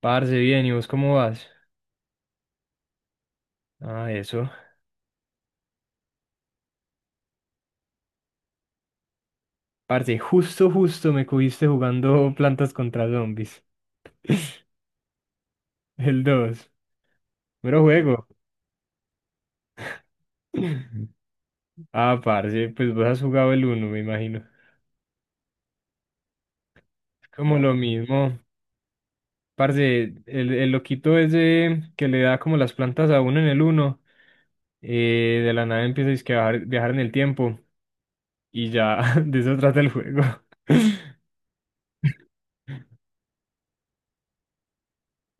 Parce, bien, ¿y vos cómo vas? Ah, eso. Parce, justo me cogiste jugando Plantas contra Zombies. El 2. Mero juego. Ah, parce, pues vos has jugado el uno, me imagino. Es como lo mismo. Parce, el loquito ese que le da como las plantas a uno en el uno. De la nada empieza dizque a viajar en el tiempo y ya de eso trata el juego.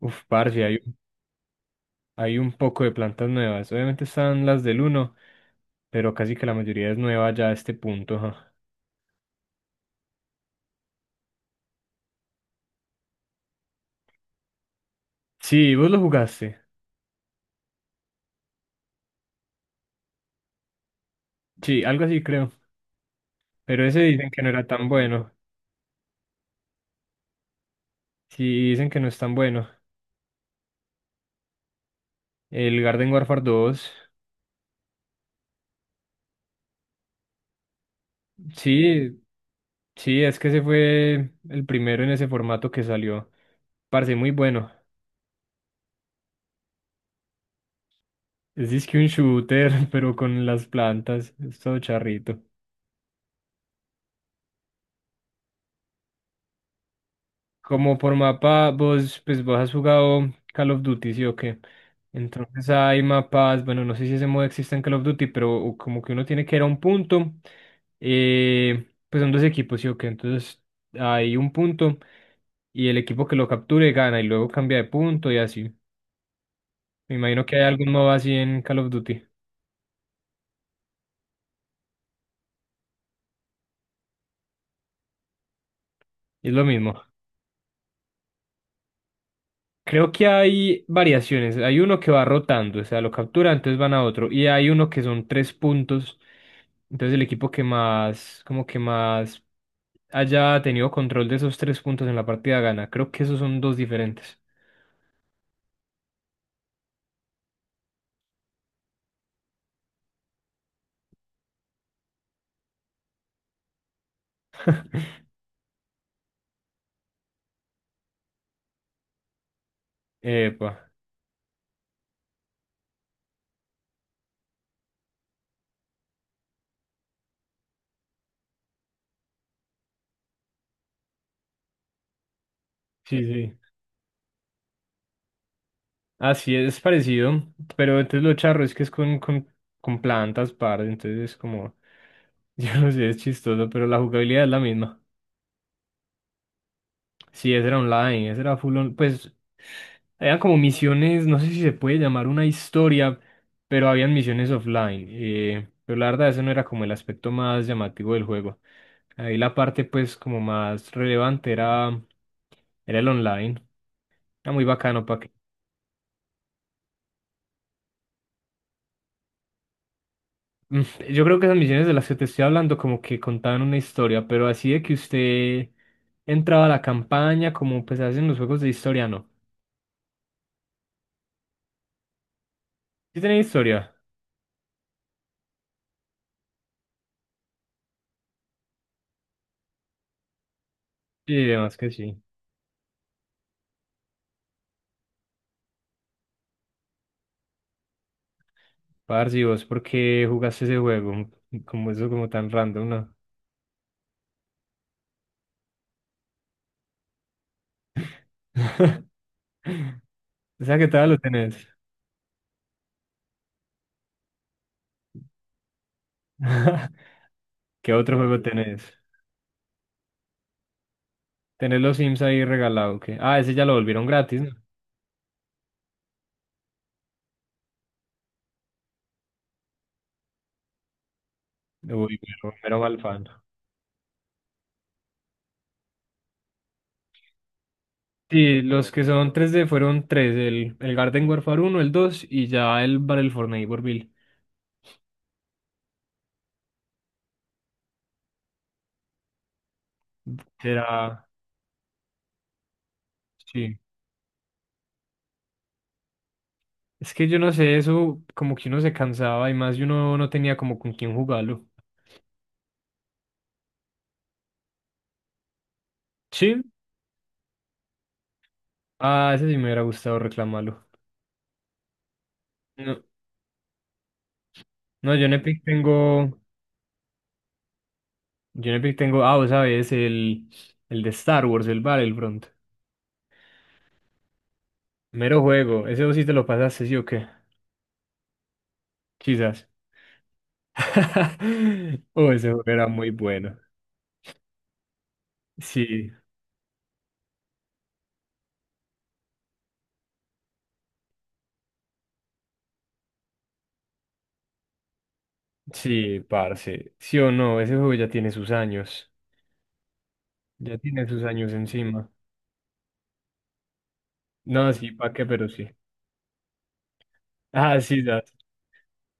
Uf, parce, hay, hay un poco de plantas nuevas. Obviamente están las del uno, pero casi que la mayoría es nueva ya a este punto, ajá. Sí, vos lo jugaste. Sí, algo así creo. Pero ese dicen que no era tan bueno. Sí, dicen que no es tan bueno. El Garden Warfare dos. Sí, sí, es que ese fue el primero en ese formato que salió. Parce, muy bueno. Es disque un shooter, pero con las plantas. Es todo charrito. Como por mapa, vos, pues vos has jugado Call of Duty, ¿sí o qué? Entonces hay mapas, bueno, no sé si ese modo existe en Call of Duty, pero como que uno tiene que ir a un punto, pues son dos equipos, ¿sí o qué? Entonces hay un punto y el equipo que lo capture gana y luego cambia de punto y así. Me imagino que hay algún modo así en Call of Duty. Es lo mismo. Creo que hay variaciones. Hay uno que va rotando, o sea, lo captura, entonces van a otro. Y hay uno que son tres puntos. Entonces el equipo que más, como que más haya tenido control de esos tres puntos en la partida gana. Creo que esos son dos diferentes. Epa, sí, sí. Así es parecido, pero entonces lo charro es que es con plantas par, entonces es como, yo no sé, es chistoso, pero la jugabilidad es la misma. Sí, ese era online, ese era full on, pues eran como misiones, no sé si se puede llamar una historia, pero habían misiones offline. Pero la verdad, ese no era como el aspecto más llamativo del juego. Ahí la parte pues como más era el online. Era muy bacano para que... Mm, yo creo que esas misiones de las que te estoy hablando como que contaban una historia, pero así de que usted entraba a la campaña como pues hacen los juegos de historia, no. ¿Sí tenía historia? Sí, además que sí. Parce, ¿y vos por qué jugaste ese juego? Como eso, como tan random, ¿no? O sea, ¿qué tal lo tenés? ¿Qué otro juego tenés? Tenés los Sims ahí regalado, ¿qué? Ah, ese ya lo volvieron gratis, ¿no? Uy, pero mal fan. Sí, los que son tres d fueron tres, el Garden Warfare uno el 2 y ya el Battle for Neighborville. Será, sí. Es que yo no sé, eso como que uno se cansaba y más y uno no tenía como con quién jugarlo. Sí. Ah, ese sí me hubiera gustado reclamarlo. No, no, yo en Epic tengo. Yo en Epic tengo. Ah, vos sabes, el de Star Wars, el Battlefront. Mero juego. Ese vos sí te lo pasaste, ¿sí o qué? Quizás. Oh, ese juego era muy bueno. Sí, sí, parce. Sí o no, ese juego ya tiene sus años. Ya tiene sus años encima. No, sí, pa' qué, pero sí. Ah, sí, ya.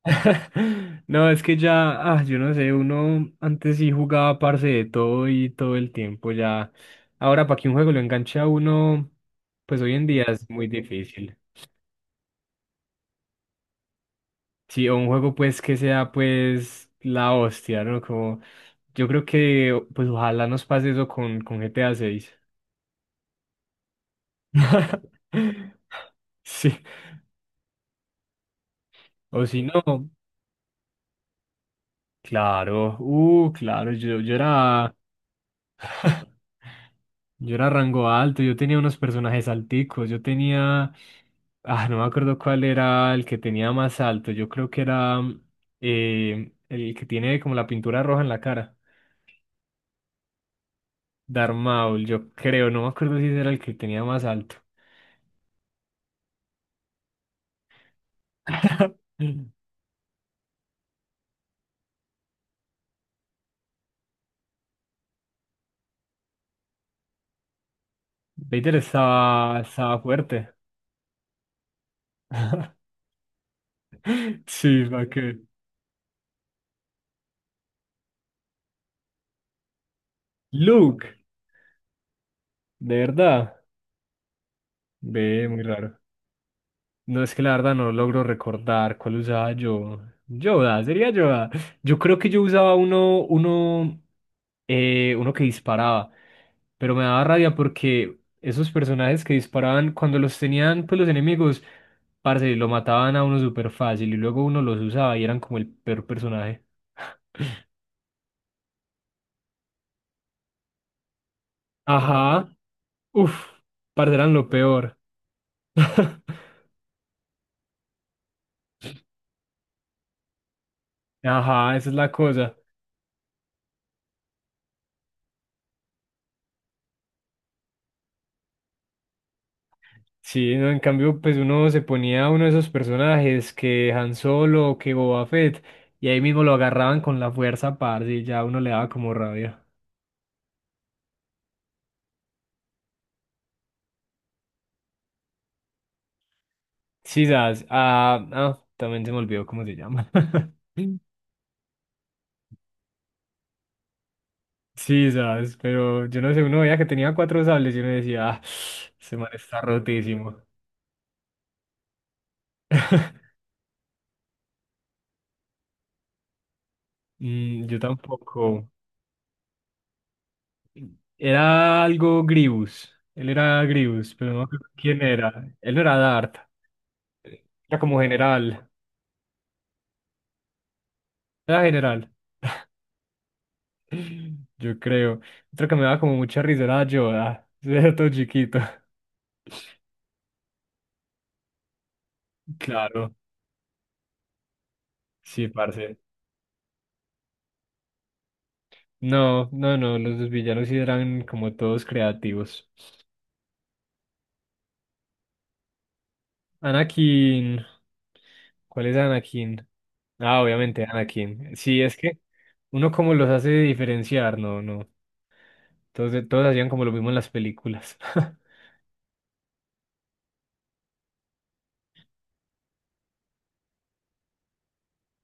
No, es que ya, ah, yo no sé, uno antes sí jugaba parce de todo y todo el tiempo ya. Ahora, para que un juego lo enganche a uno, pues hoy en día es muy difícil. Sí, o un juego pues que sea pues la hostia, ¿no? Como yo creo que pues ojalá nos pase eso con GTA seis. Sí. O si no, claro, claro, yo era yo era rango alto, yo tenía unos personajes alticos, yo tenía, ah, no me acuerdo cuál era el que tenía más alto, yo creo que era el que tiene como la pintura roja en la cara. Darmaul, yo creo, no me acuerdo si ese era el que tenía más alto. Vader estaba fuerte. Sí, va que. Luke, de verdad, ve, muy raro. No es que la verdad no logro recordar cuál usaba yo. Yoda, sería Yoda. Yo creo que yo usaba uno, uno que disparaba, pero me daba rabia porque esos personajes que disparaban cuando los tenían, pues los enemigos, parce, lo mataban a uno súper fácil y luego uno los usaba y eran como el peor personaje. Ajá. Uf, parce, eran lo peor. Ajá, esa es la cosa. Sí, no, en cambio, pues uno se ponía uno de esos personajes que Han Solo o que Boba Fett, y ahí mismo lo agarraban con la fuerza, parce, y ya uno le daba como rabia. Sí, sabes, ah, también se me olvidó cómo se llama. Sí, sabes, pero yo no sé, uno veía que tenía cuatro sables y uno decía, ah, ese man está rotísimo. Mm, yo tampoco. Era algo Grievous, él era Grievous, pero no me acuerdo quién era. Él no era Dart, era como general, era general. Yo creo. Otro que me daba como mucha risa era Yoda. Era todo chiquito. Claro, sí, parce. No, no, no, los dos villanos sí eran como todos creativos. Anakin. ¿Cuál es Anakin? Ah, obviamente Anakin. Sí, es que uno como los hace diferenciar, no, no. Entonces todos hacían como lo mismo en las películas.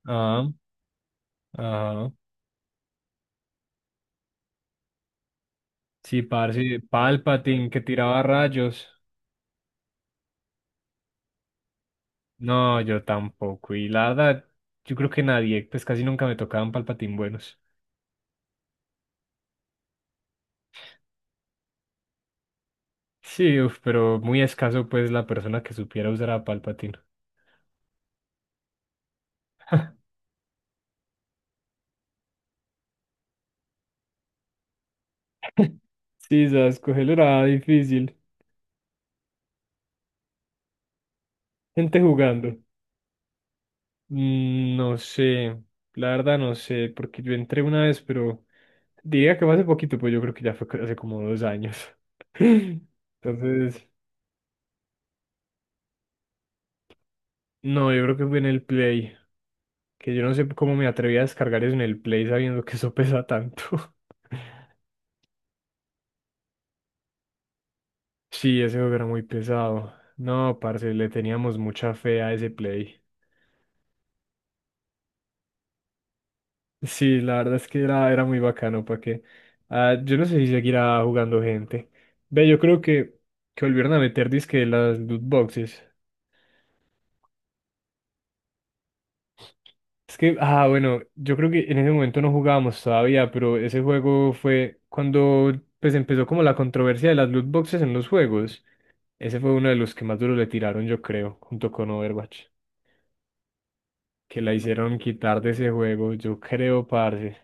Ah, ah. Sí, parce, Palpatine que tiraba rayos. No, yo tampoco. Y la verdad, yo creo que nadie, pues casi nunca me tocaban Palpatine buenos. Sí, uf, pero muy escaso pues la persona que supiera usar a Palpatine. Sí, sabes, cogerlo era difícil. Gente jugando. Mm, no sé, la verdad no sé, porque yo entré una vez, pero diría que fue hace poquito, pues yo creo que ya fue hace como 2 años. Entonces, no, yo creo que fue en el Play, que yo no sé cómo me atreví a descargar eso en el Play sabiendo que eso pesa tanto. Sí, ese juego era muy pesado. No, parce, le teníamos mucha fe a ese play. Sí, la verdad es que era muy bacano, ¿para que ah, yo no sé si seguirá jugando gente. Ve, yo creo que volvieron a meter disque las loot boxes. Es que, ah, bueno, yo creo que en ese momento no jugábamos todavía, pero ese juego fue cuando pues empezó como la controversia de las loot boxes en los juegos. Ese fue uno de los que más duro le tiraron, yo creo, junto con Overwatch, que la hicieron quitar de ese juego, yo creo, parce.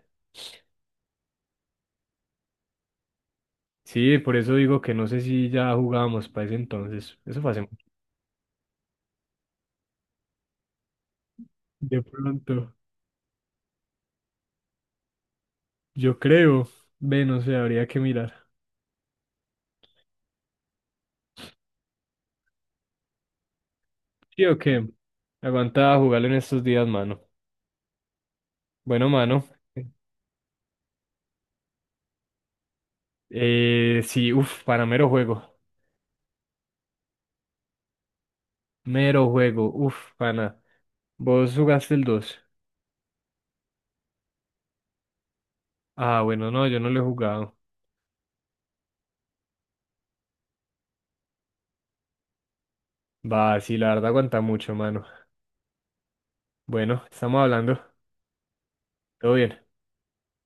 Sí, por eso digo que no sé si ya jugábamos para ese entonces. Eso fue hace mucho. De pronto, yo creo. Ve, no sé, habría que mirar. Sí, o qué. Aguanta jugarlo en estos días, mano. Bueno, mano. Sí, uff, para mero juego. Mero juego, uff, pana. ¿Vos jugaste el 2? Ah, bueno, no, yo no lo he jugado. Va, sí, la verdad aguanta mucho, mano. Bueno, estamos hablando. Todo bien.